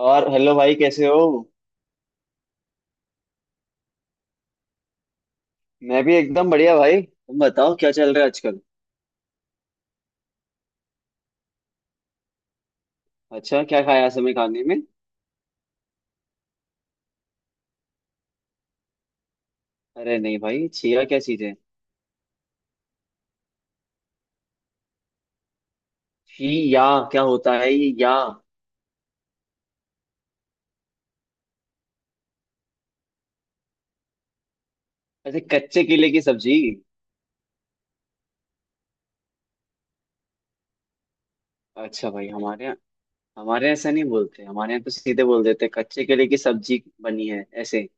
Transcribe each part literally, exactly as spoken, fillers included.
और हेलो भाई, कैसे हो? मैं भी एकदम बढ़िया भाई, तुम बताओ क्या चल रहा है आजकल? अच्छा, क्या खाया आज हमें खाने में? अरे नहीं भाई, छिया क्या चीज है? छी या? क्या होता है ये या? ऐसे कच्चे केले की सब्जी? अच्छा भाई, हमारे यहाँ हमारे यहाँ ऐसा नहीं बोलते, हमारे यहाँ तो सीधे बोल देते हैं, कच्चे केले की सब्जी बनी है ऐसे।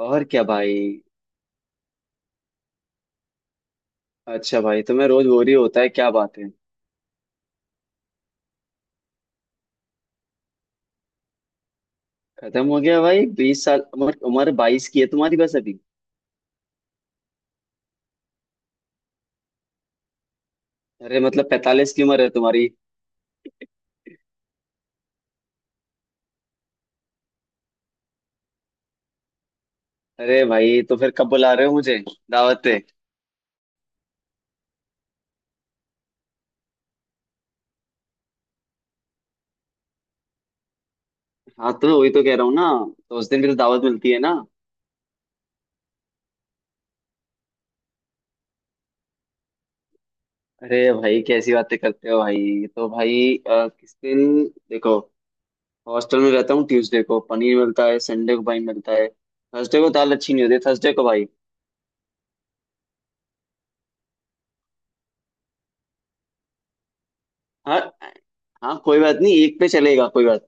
और क्या भाई। अच्छा भाई, तुम्हें रोज बोरी होता है, क्या बात है? खत्म हो गया भाई? बीस साल उम्र उम्र बाईस की है तुम्हारी बस अभी। अरे मतलब पैंतालीस की उम्र है तुम्हारी? अरे भाई, तो फिर कब बुला रहे हो मुझे दावत पे? हाँ, तो वही तो कह रहा हूँ ना। तो उस दिन भी तो दावत मिलती है ना। अरे भाई, कैसी बातें करते हो भाई, तो भाई अ, किस दिन? देखो, हॉस्टल में रहता हूँ, ट्यूसडे को पनीर मिलता है, संडे को भाई मिलता है, थर्सडे को दाल अच्छी नहीं होती, थर्सडे को भाई। हाँ। हाँ, कोई बात नहीं, एक पे चलेगा, कोई बात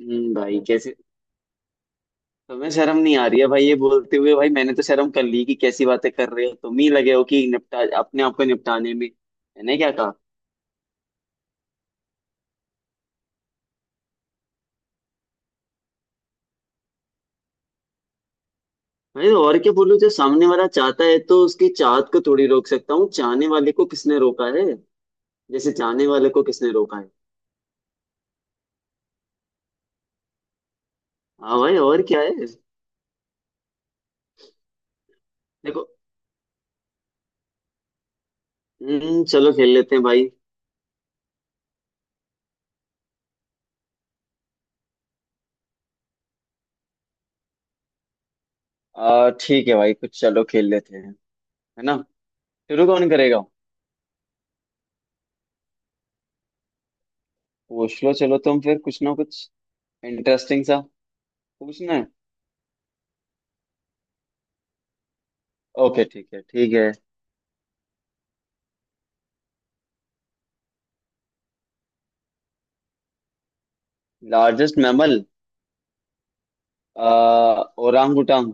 नहीं। हम्म। भाई कैसे तुम्हें शर्म नहीं आ रही है भाई ये बोलते हुए? भाई मैंने तो शर्म कर ली कि कैसी बातें कर रहे हो, तुम ही लगे हो कि निपटा अपने आप को, निपटाने में मैंने क्या कहा? भाई और क्या बोलूं, जो सामने वाला चाहता है तो उसकी चाहत को थोड़ी रोक सकता हूँ, चाहने वाले को किसने रोका है। जैसे चाहने वाले को किसने रोका है। हाँ भाई, और क्या है? देखो। हम्म, चलो खेल लेते हैं भाई। आ ठीक है भाई, कुछ चलो खेल लेते हैं, है ना? शुरू कौन करेगा? पूछ लो, चलो तुम फिर कुछ ना कुछ इंटरेस्टिंग सा पूछना है। ओके, ठीक है ठीक है। Largest mammal. आ ओरांग उटांग?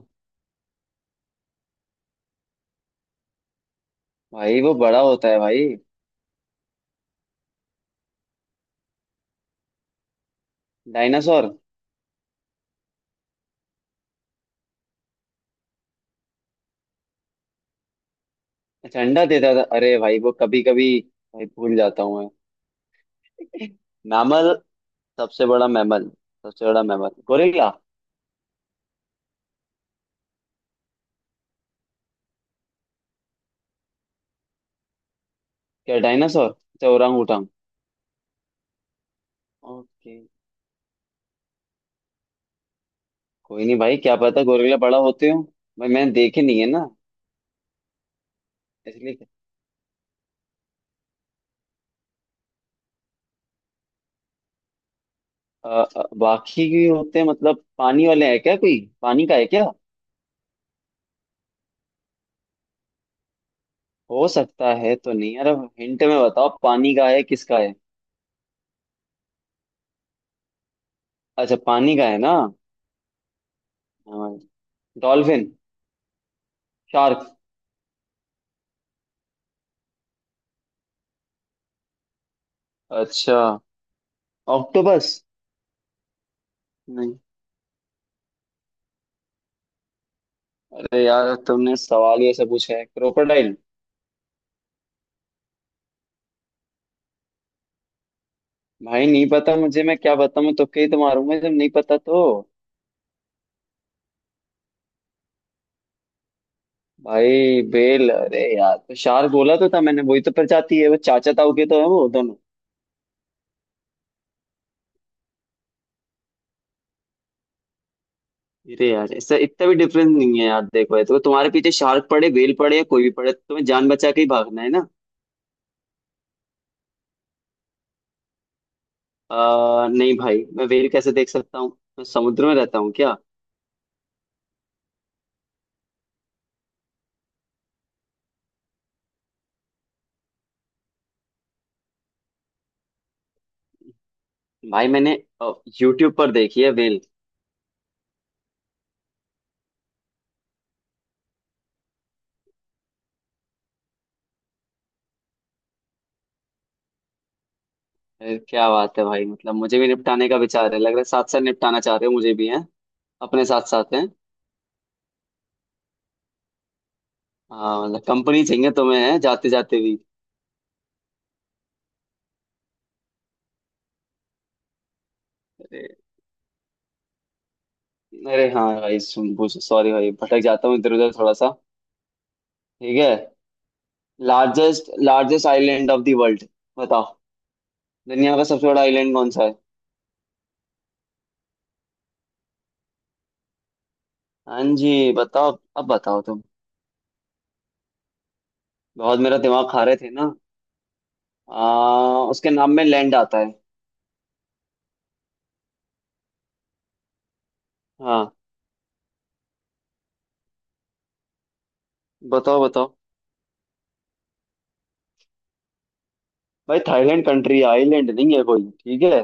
भाई वो बड़ा होता है भाई। डायनासोर। अच्छा, अंडा देता था? अरे भाई, वो कभी कभी भाई भूल जाता हूँ मैं। मैमल। सबसे बड़ा मैमल। सबसे बड़ा मैमल गोरिल्ला। क्या डायनासोर? अच्छा, ओरांग उटांग। ओके। कोई नहीं भाई, क्या पता गोरिल्ला बड़ा होते हो, भाई मैंने देखे नहीं है ना, इसलिए। अ, अ, बाकी भी होते हैं मतलब? पानी वाले हैं क्या? कोई पानी का है क्या? हो सकता है तो नहीं, अरे हिंट में बताओ, पानी का है, किसका है? अच्छा, पानी का है ना। डॉल्फिन। शार्क। अच्छा। ऑक्टोपस। नहीं। अरे यार, तुमने सवाल ही ऐसे पूछा है। क्रोकोडाइल। भाई नहीं पता मुझे, मैं क्या बताऊं, तुक्के ही तो मारूंगा जब नहीं पता तो। भाई बेल? अरे यार, तो शार्क बोला तो था मैंने, वही तो प्रजाति है वो, चाचा ताऊ के तो है वो दोनों। अरे यार, इससे इतना भी डिफरेंस नहीं है यार, देखो ये तो तुम्हारे पीछे शार्क पड़े, बेल पड़े या कोई भी पड़े, तो तुम्हें जान बचा के ही भागना है ना। आ, नहीं भाई, मैं वेल कैसे देख सकता हूँ, मैं समुद्र में रहता हूँ क्या? भाई मैंने यूट्यूब पर देखी है वेल। अरे क्या बात है भाई, मतलब मुझे भी निपटाने का विचार है लग रहा है, साथ साथ निपटाना चाह रहे हो मुझे भी, है अपने साथ साथ? हैं हाँ, मतलब कंपनी चाहिए तुम्हें, है जाते जाते भी? अरे, अरे हाँ भाई, सुन पूछ, सॉरी भाई, भटक जाता हूँ इधर उधर थोड़ा सा। ठीक है। Largest largest island of the world, बताओ। दुनिया का सबसे बड़ा आइलैंड कौन सा है? हाँ जी बताओ, अब बताओ तुम, बहुत मेरा दिमाग खा रहे थे ना। आ, उसके नाम में लैंड आता है। हाँ, बताओ बताओ। भाई थाईलैंड कंट्री, आइलैंड नहीं है कोई, ठीक है।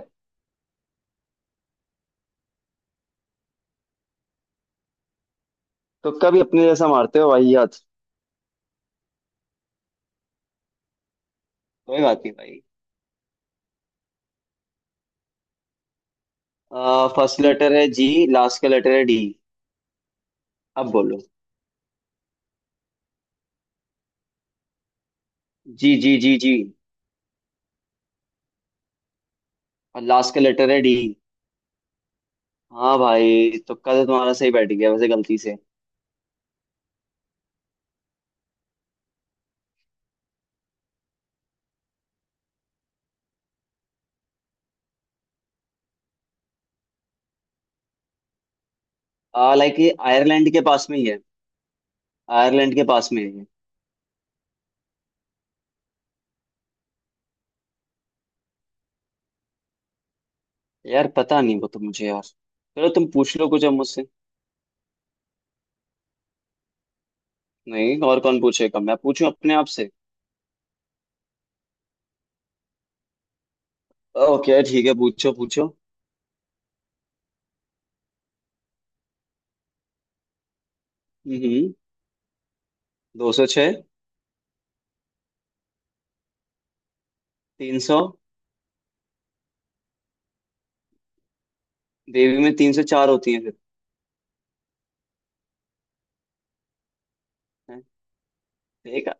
तुक्का भी अपने जैसा मारते हो भाई, याद। कोई बात नहीं भाई। आ, फर्स्ट लेटर है जी, लास्ट का लेटर है डी, अब बोलो। G G G G. और लास्ट का लेटर है डी। हाँ भाई, तुक्का तो तुम्हारा सही बैठ गया वैसे, गलती से। आ लाइक ये आयरलैंड के पास में ही है। आयरलैंड के पास में है ये। यार पता नहीं वो तो मुझे, यार चलो तुम पूछ लो कुछ अब मुझसे। नहीं, और कौन पूछेगा, मैं पूछूं अपने आप से? ओके ठीक है, पूछो पूछो। हम्म। दो सौ छः। तीन सौ। देवी में तीन सौ चार होती है फिर। हैं? ठीक है।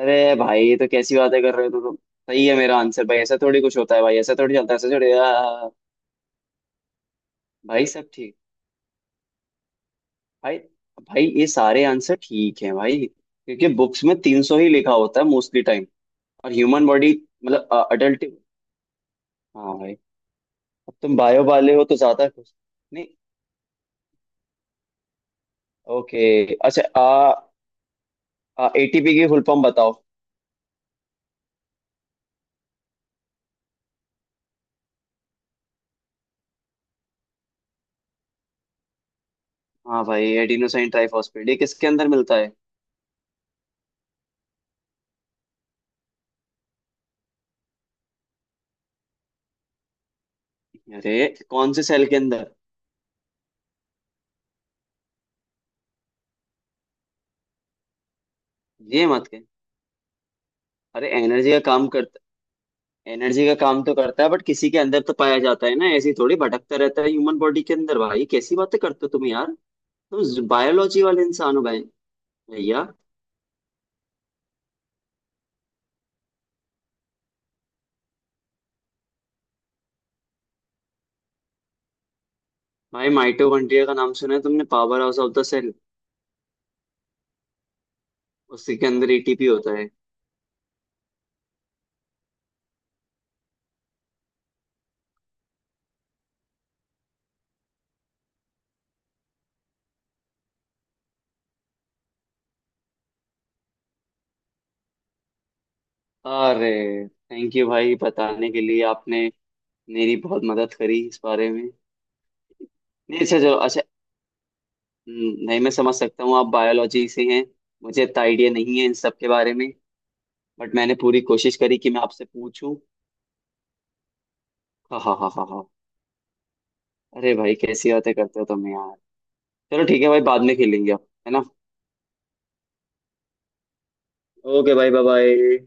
अरे भाई, ये तो कैसी बातें कर रहे हो तुम, सही है मेरा आंसर भाई, ऐसा थोड़ी कुछ होता है भाई, ऐसा थोड़ी चलता है, ऐसा थोड़ी आ, भाई सब ठीक। भाई। भाई ये सारे आंसर ठीक हैं भाई, क्योंकि बुक्स में तीन सौ ही लिखा होता है मोस्टली टाइम। और ह्यूमन बॉडी, मतलब अडल्ट। हाँ भाई। अब तुम बायो वाले हो तो ज्यादा खुश? नहीं। ओके। अच्छा आ, एटीपी की फुल फॉर्म बताओ। हाँ भाई, एडिनोसाइन ट्राइफॉस्फेट, ये किसके अंदर मिलता है? अरे कौन से सेल के अंदर? ये मत कह। अरे एनर्जी का काम करता? एनर्जी का काम तो करता है, बट किसी के अंदर तो पाया जाता है ना, ऐसी थोड़ी भटकता रहता है ह्यूमन बॉडी के अंदर, भाई कैसी बातें करते हो तुम यार, तुम बायोलॉजी वाले इंसान हो भाई, भैया। भाई माइटोकॉन्ड्रिया का नाम सुना है तुमने, powerhouse of the cell, उसी के अंदर एटीपी होता है। अरे थैंक यू भाई बताने के लिए, आपने मेरी बहुत मदद करी इस बारे में। नहीं अच्छा, चलो अच्छा। हम्म, नहीं मैं समझ सकता हूँ, आप बायोलॉजी से हैं, मुझे इतना आइडिया नहीं है इन सब के बारे में, बट मैंने पूरी कोशिश करी कि मैं आपसे पूछूं। हाँ हाँ हाँ हाँ। अरे भाई, कैसी बातें करते हो तुम यार, चलो ठीक है भाई, बाद में खेलेंगे अब, है ना? ओके भाई, बाय बाय।